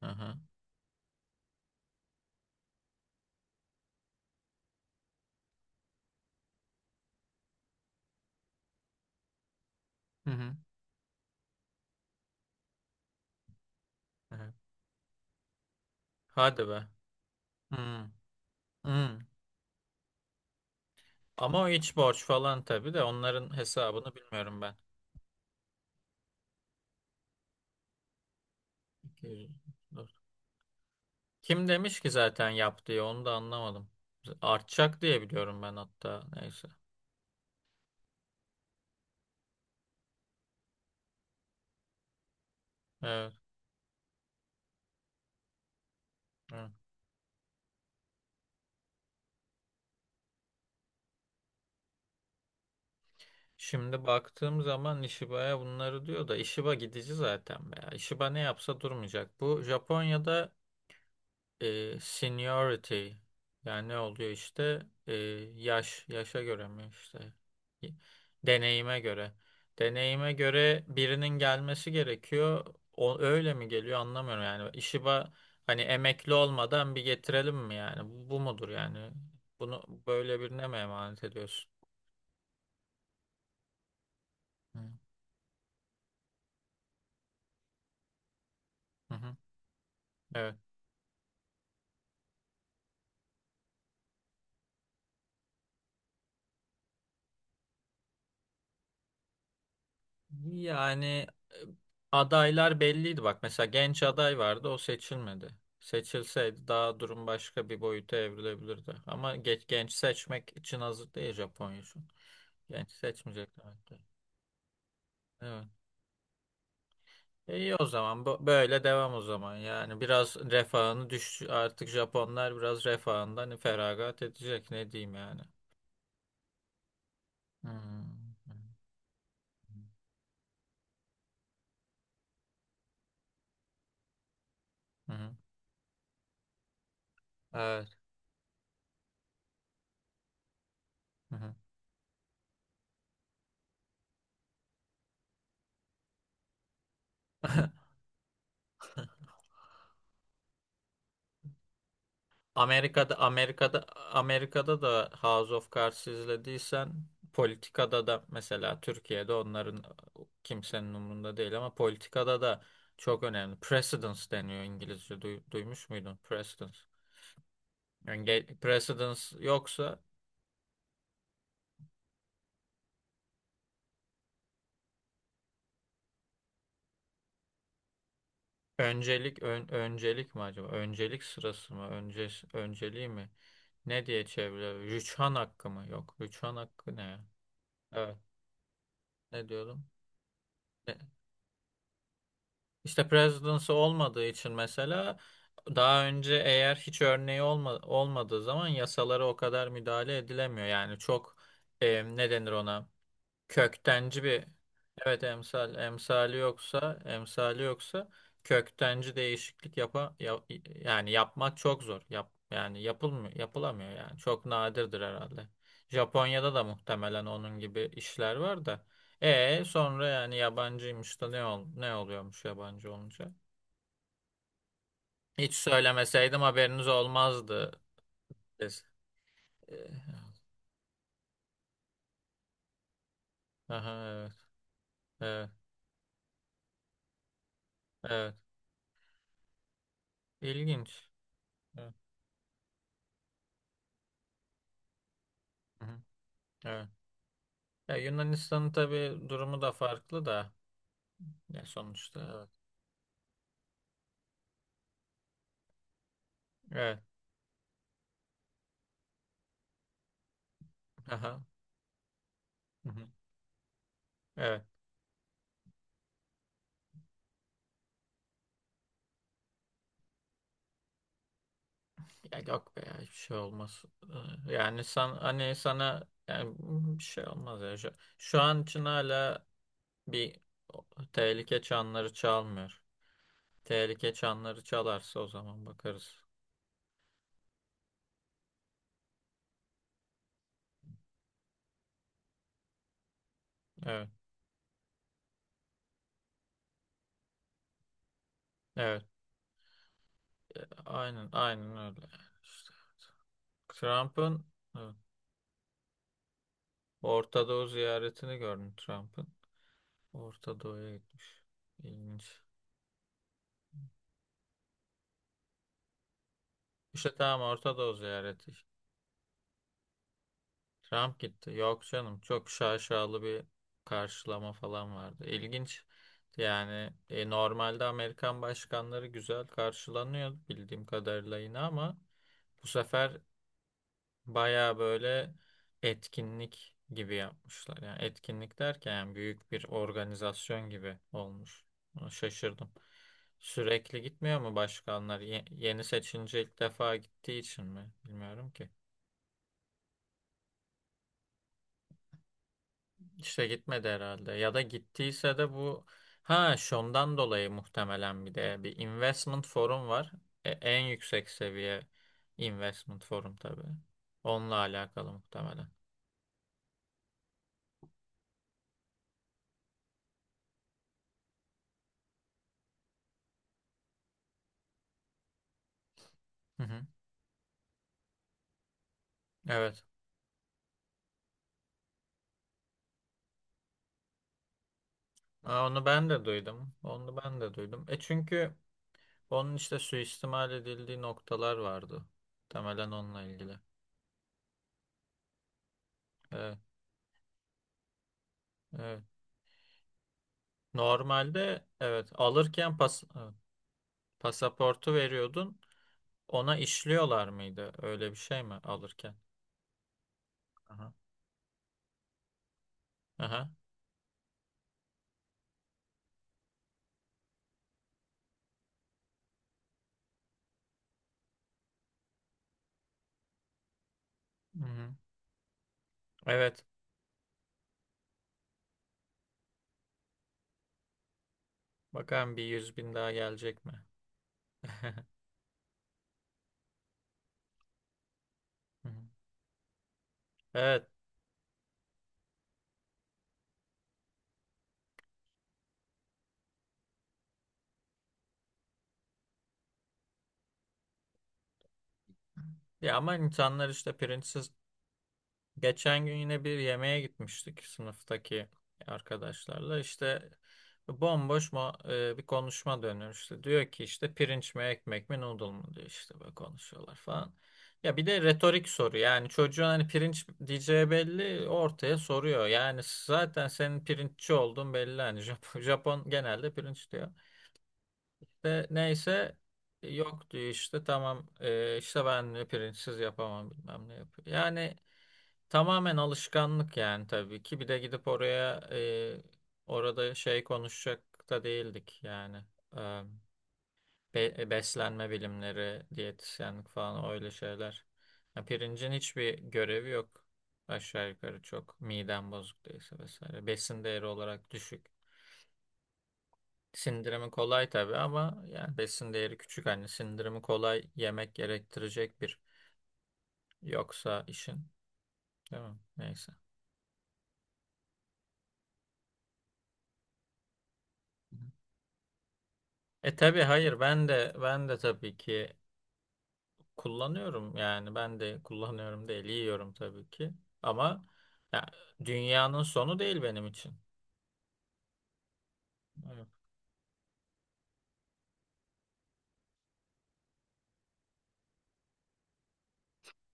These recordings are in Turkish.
Aha. Hı hı. Evet. Hadi be. Hı. Hı. Ama o iç borç falan tabii de onların hesabını bilmiyorum ben. 200 dur. Kim demiş ki zaten yap diye onu da anlamadım. Artacak diye biliyorum ben hatta. Neyse. Evet. Evet. Şimdi baktığım zaman Ishiba'ya bunları diyor da Ishiba gidici zaten be ya. Ishiba ne yapsa durmayacak. Bu Japonya'da seniority yani ne oluyor işte, E, yaş yaşa göre mi işte, Y- deneyime göre, deneyime göre, birinin gelmesi gerekiyor. O öyle mi geliyor anlamıyorum, yani işi ba hani emekli olmadan bir getirelim mi yani? Bu mudur yani, bunu böyle birine mi emanet ediyorsun? Hı hı. Hı. Evet. Yani e, adaylar belliydi bak. Mesela genç aday vardı, o seçilmedi. Seçilseydi daha durum başka bir boyuta evrilebilirdi. Ama genç seçmek için hazır değil Japonya şu an. Genç seçmeyecek demek ki. Evet. İyi o zaman. Böyle devam o zaman. Yani biraz refahını düş, artık Japonlar biraz refahından feragat edecek. Ne diyeyim yani. Hmm. Hı hı. Hı hı. Evet. Hı hı. Amerika'da Amerika'da da, House of Cards izlediysen, politikada da, mesela Türkiye'de onların kimsenin umurunda değil ama politikada da çok önemli. Precedence deniyor İngilizce. Duymuş muydun? Precedence. Precedence yoksa öncelik... öncelik mi acaba? Öncelik sırası mı? Önceliği mi? Ne diye çeviriyor? Rüçhan hakkı mı? Yok. Rüçhan hakkı ne ya? Evet. Ne diyordum? İşte presidency olmadığı için mesela, daha önce eğer hiç örneği olmadığı zaman yasalara o kadar müdahale edilemiyor. Yani çok, ne denir ona? Köktenci bir... evet, emsal. Emsali yoksa, emsali yoksa köktenci değişiklik yani yapmak çok zor. Yani yapılmıyor, yapılamıyor yani. Çok nadirdir herhalde. Japonya'da da muhtemelen onun gibi işler var da. E sonra, yani yabancıymış da ne oluyormuş yabancı olunca? Hiç söylemeseydim haberiniz olmazdı. Biz. Ee, Aha, evet, evet, evet. İlginç. Evet. Hı hı, evet. Ya Yunanistan'ın tabii durumu da farklı da. Ya sonuçta evet. Evet. Aha. Hı hı, evet. Ya yok be ya, hiçbir şey olmaz. Yani sen hani sana yani bir şey olmaz ya. Şu an için hala bir tehlike çanları çalmıyor. Tehlike çanları çalarsa o zaman bakarız. Evet. Evet. Aynen, aynen öyle. İşte, Trump'ın, evet, Orta Doğu ziyaretini gördüm Trump'ın. Orta Doğu'ya gitmiş. İlginç. İşte tamam, Orta Doğu ziyareti. Trump gitti. Yok canım, çok şaşalı bir karşılama falan vardı. İlginç. Normalde Amerikan başkanları güzel karşılanıyor bildiğim kadarıyla yine, ama bu sefer baya böyle etkinlik gibi yapmışlar. Yani etkinlik derken, yani büyük bir organizasyon gibi olmuş. Ona şaşırdım. Sürekli gitmiyor mu başkanlar? Yeni seçince ilk defa gittiği için mi? Bilmiyorum ki. İşte gitmedi herhalde. Ya da gittiyse de bu, ha şundan dolayı muhtemelen, bir de bir investment forum var. En yüksek seviye investment forum tabii. Onunla alakalı muhtemelen. Hı hı. Evet. Aa, onu ben de duydum. Onu ben de duydum. E çünkü onun işte suistimal edildiği noktalar vardı. Temelen onunla ilgili. Evet, evet. Normalde evet, alırken pas, evet, pasaportu veriyordun. Ona işliyorlar mıydı? Öyle bir şey mi alırken? Aha. Aha. Hı-hı. Evet. Bakalım bir 100.000 daha gelecek mi? Hı hı. Evet. Ya ama insanlar işte printsiz. Geçen gün yine bir yemeğe gitmiştik sınıftaki arkadaşlarla. İşte bomboş mu bir konuşma dönüyor işte. Diyor ki işte, pirinç mi, ekmek mi, noodle mu diyor, işte böyle konuşuyorlar falan. Ya bir de retorik soru, yani çocuğun hani pirinç diyeceği belli, ortaya soruyor. Yani zaten senin pirinççi olduğun belli hani, Japon, Japon genelde pirinç diyor. De, neyse, yok diyor, işte tamam, işte ben diyor pirinçsiz yapamam bilmem ne yapıyor. Yani tamamen alışkanlık, yani tabii ki. Bir de gidip oraya, orada şey konuşacak da değildik yani. E, Beslenme bilimleri, diyetisyenlik falan, öyle şeyler. Ya pirincin hiçbir görevi yok. Aşağı yukarı çok. Miden bozuk değilse vesaire. Besin değeri olarak düşük. Sindirimi kolay tabii ama yani besin değeri küçük. Hani sindirimi kolay yemek gerektirecek bir yoksa işin. Değil mi? Neyse. E tabii, hayır, ben de tabii ki kullanıyorum, yani ben de kullanıyorum değil, yiyorum tabii ki, ama ya, dünyanın sonu değil benim için. Evet.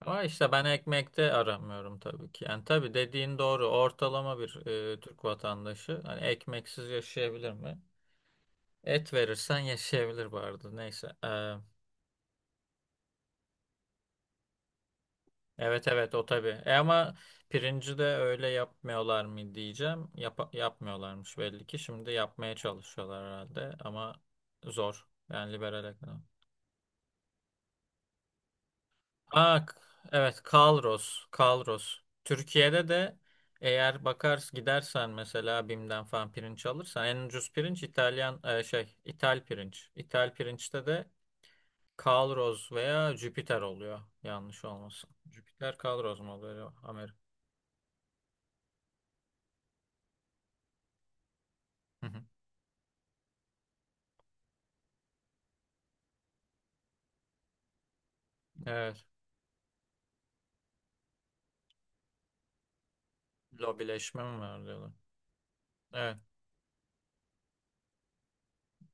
Ama işte ben ekmekte aramıyorum tabii ki. Yani tabii dediğin doğru, ortalama bir, Türk vatandaşı hani ekmeksiz yaşayabilir mi? Et verirsen yaşayabilir bu arada, neyse. Evet evet o tabii. E ama pirinci de öyle yapmıyorlar mı diyeceğim. Yapmıyorlarmış belli ki. Şimdi yapmaya çalışıyorlar herhalde ama zor. Yani liberal ekonomi. Aa, evet, Kalros. Kalros. Türkiye'de de eğer bakar gidersen mesela BİM'den falan pirinç alırsan, en ucuz pirinç İtalyan, İtal pirinç. İtal pirinçte de Kalros veya Jüpiter oluyor, yanlış olmasın. Jüpiter Kalros mu oluyor Amerika? Hı hı. Evet. Lobileşme mi var diyorlar. Evet,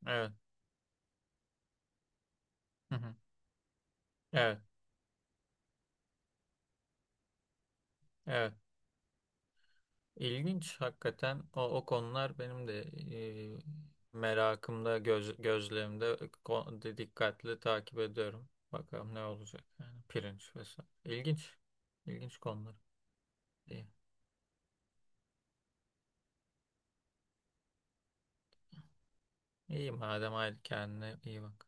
evet. Hı hı. Evet, evet. İlginç hakikaten, o konular benim de e, merakımda, gözlerimde, dikkatli takip ediyorum. Bakalım ne olacak yani, pirinç vesaire. İlginç, ilginç konular. İyi, iyi madem, hadi kendine iyi bak.